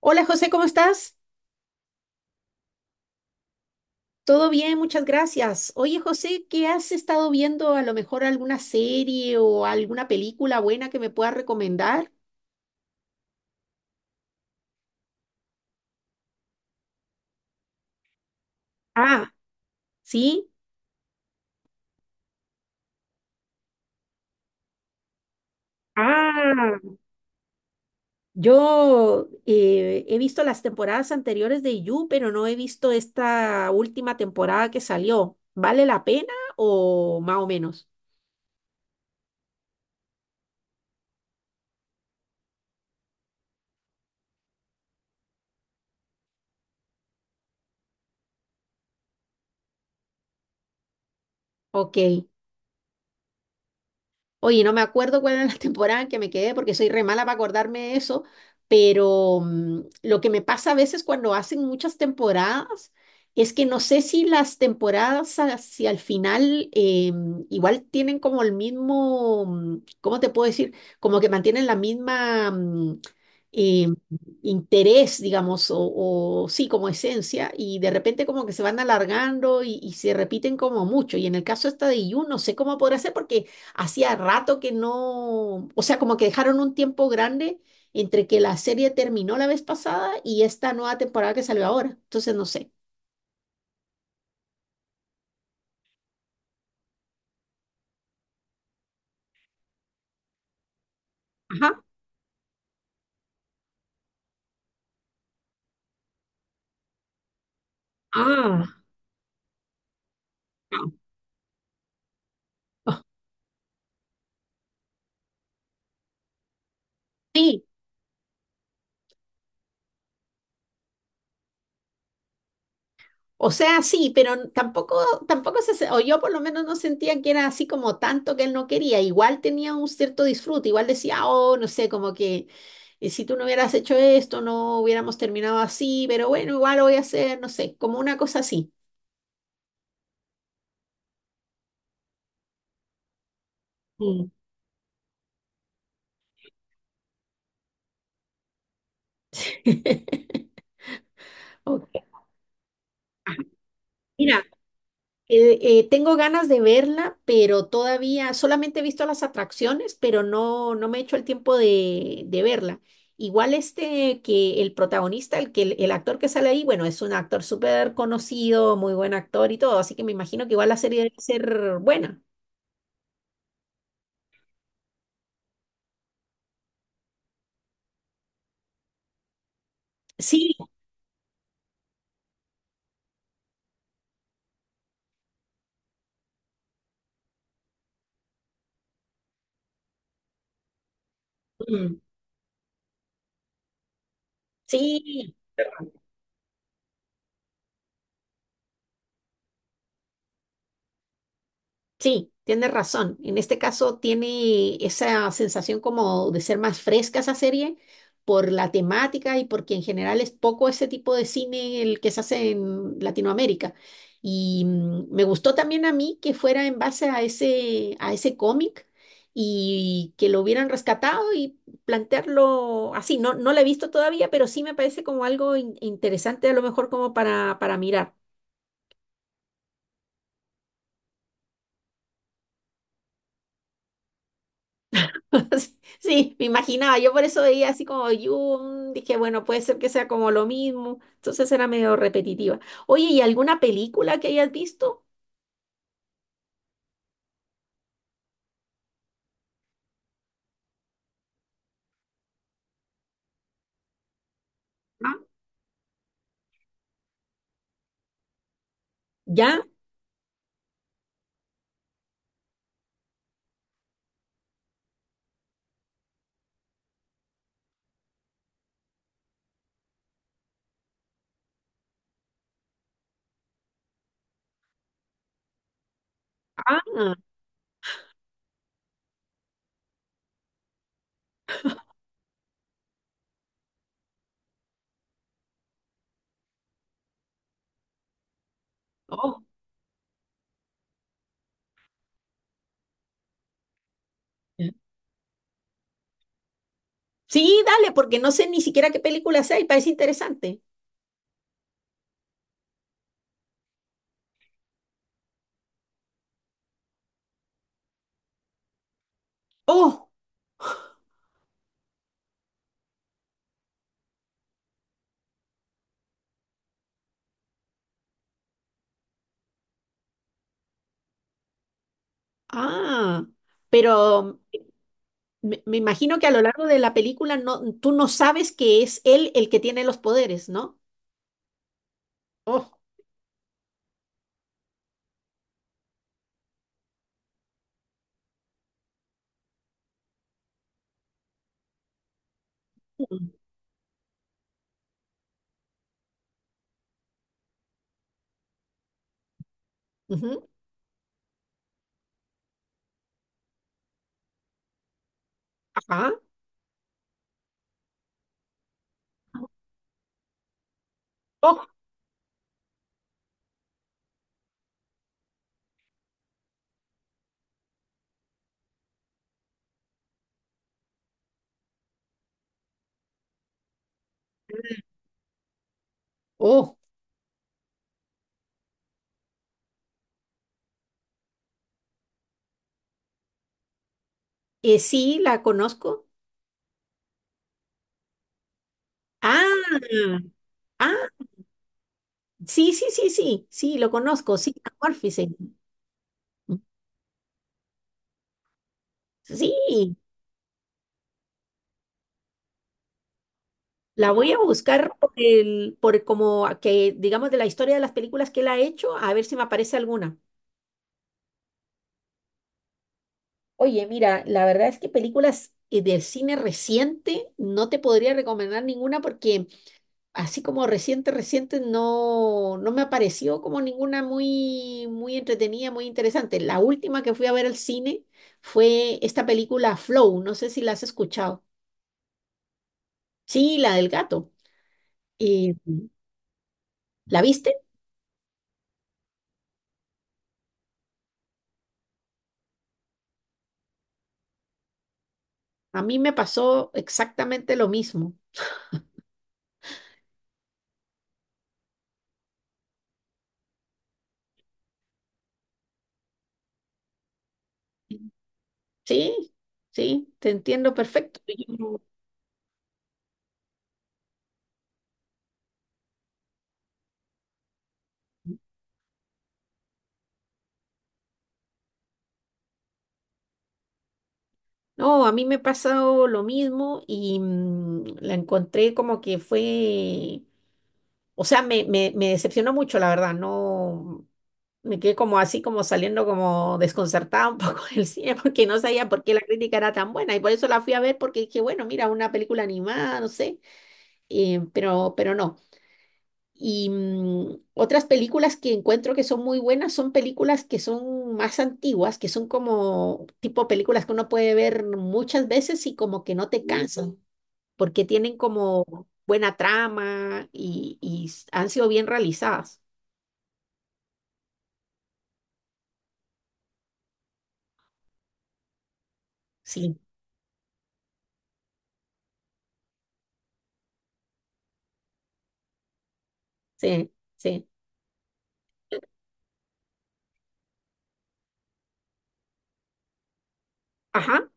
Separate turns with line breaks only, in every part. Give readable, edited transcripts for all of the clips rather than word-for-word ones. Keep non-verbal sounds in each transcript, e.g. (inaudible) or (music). Hola José, ¿cómo estás? Todo bien, muchas gracias. Oye José, ¿qué has estado viendo? A lo mejor alguna serie o alguna película buena que me puedas recomendar. Ah, sí. Ah, yo he visto las temporadas anteriores de You, pero no he visto esta última temporada que salió. ¿Vale la pena o más o menos? Ok. Oye, no me acuerdo cuál era la (laughs) temporada en que me quedé porque soy re mala para acordarme de eso, pero lo que me pasa a veces cuando hacen muchas temporadas es que no sé si las temporadas hacia el final igual tienen como el mismo, ¿cómo te puedo decir? Como que mantienen la misma eh, interés, digamos, o sí, como esencia, y de repente como que se van alargando y se repiten como mucho. Y en el caso esta de You, no sé cómo podrá ser porque hacía rato que no, o sea, como que dejaron un tiempo grande entre que la serie terminó la vez pasada y esta nueva temporada que salió ahora. Entonces, no sé. Ajá. Ah, no. Ah, sí. O sea, sí, pero tampoco o yo por lo menos no sentía que era así como tanto que él no quería. Igual tenía un cierto disfrute, igual decía, oh, no sé, como que si tú no hubieras hecho esto, no hubiéramos terminado así, pero bueno, igual lo voy a hacer, no sé, como una cosa así. Mm. (laughs) Ok. Mira, tengo ganas de verla, pero todavía solamente he visto las atracciones, pero no, no me he hecho el tiempo de verla. Igual este que el protagonista, el actor que sale ahí, bueno, es un actor súper conocido, muy buen actor y todo, así que me imagino que igual la serie debe ser buena. Sí, mm, sí, sí, tienes razón. En este caso tiene esa sensación como de ser más fresca esa serie por la temática y porque en general es poco ese tipo de cine el que se hace en Latinoamérica. Y me gustó también a mí que fuera en base a ese cómic y que lo hubieran rescatado y plantearlo así. No, no lo he visto todavía, pero sí me parece como algo interesante a lo mejor como para mirar. (laughs) Sí, me imaginaba, yo por eso veía así como Dune, dije, bueno, puede ser que sea como lo mismo, entonces era medio repetitiva. Oye, ¿y alguna película que hayas visto? Ah, ¿ya? Ah, oh. Ya. Sí, dale, porque no sé ni siquiera qué película sea y parece interesante. Oh, ah, pero me imagino que a lo largo de la película no, tú no sabes que es él el que tiene los poderes, ¿no? Oh, mm, ujú, ajá, oh, oh. Sí, la conozco. Ah, ah, sí, sí, sí, sí, sí, lo conozco, sí, a sí, sí, la voy a buscar por el, por como a que, digamos, de la historia de las películas que él ha hecho, a ver si me aparece alguna. Oye, mira, la verdad es que películas del cine reciente no te podría recomendar ninguna porque así como reciente, reciente, no, no me apareció como ninguna muy, muy entretenida, muy interesante. La última que fui a ver al cine fue esta película Flow, no sé si la has escuchado. Sí, la del gato. Eh, ¿La viste? A mí me pasó exactamente lo mismo. Sí, sí, te entiendo perfecto. No, a mí me ha pasado lo mismo y la encontré como que fue, o sea, me decepcionó mucho, la verdad. No, me quedé como así, como saliendo como desconcertada un poco (laughs) del cine, porque no sabía por qué la crítica era tan buena. Y por eso la fui a ver, porque dije, bueno, mira, una película animada, no sé, pero no. Y otras películas que encuentro que son muy buenas son películas que son más antiguas, que son como tipo películas que uno puede ver muchas veces y como que no te cansas porque tienen como buena trama y han sido bien realizadas. Sí, sí, sí. Ajá,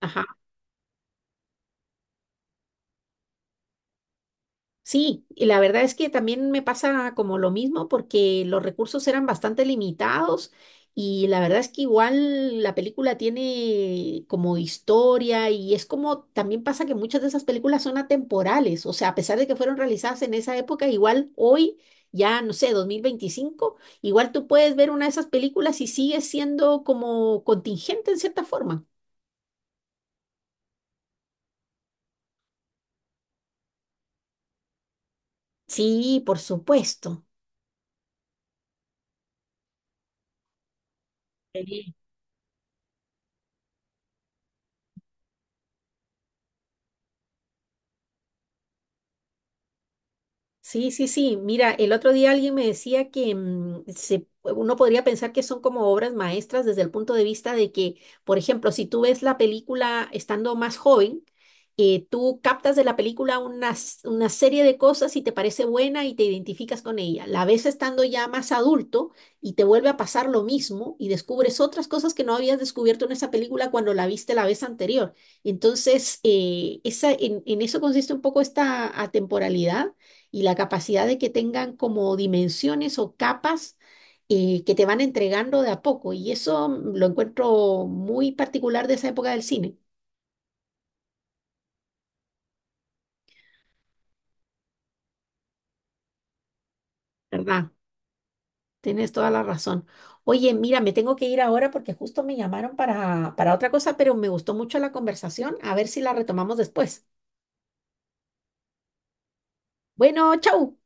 ajá. Sí, y la verdad es que también me pasa como lo mismo porque los recursos eran bastante limitados y la verdad es que igual la película tiene como historia y es como también pasa que muchas de esas películas son atemporales, o sea, a pesar de que fueron realizadas en esa época, igual hoy, ya no sé, 2025 igual tú puedes ver una de esas películas y sigue siendo como contingente en cierta forma. Sí, por supuesto. Sí, sí, sí. Mira, el otro día alguien me decía que uno podría pensar que son como obras maestras desde el punto de vista de que, por ejemplo, si tú ves la película estando más joven, tú captas de la película una, una serie de cosas y te parece buena y te identificas con ella. La ves estando ya más adulto y te vuelve a pasar lo mismo y descubres otras cosas que no habías descubierto en esa película cuando la viste la vez anterior. Entonces, en eso consiste un poco esta atemporalidad y la capacidad de que tengan como dimensiones o capas que te van entregando de a poco. Y eso lo encuentro muy particular de esa época del cine, ¿verdad? Tienes toda la razón. Oye, mira, me tengo que ir ahora porque justo me llamaron para otra cosa, pero me gustó mucho la conversación. A ver si la retomamos después. Bueno, chau.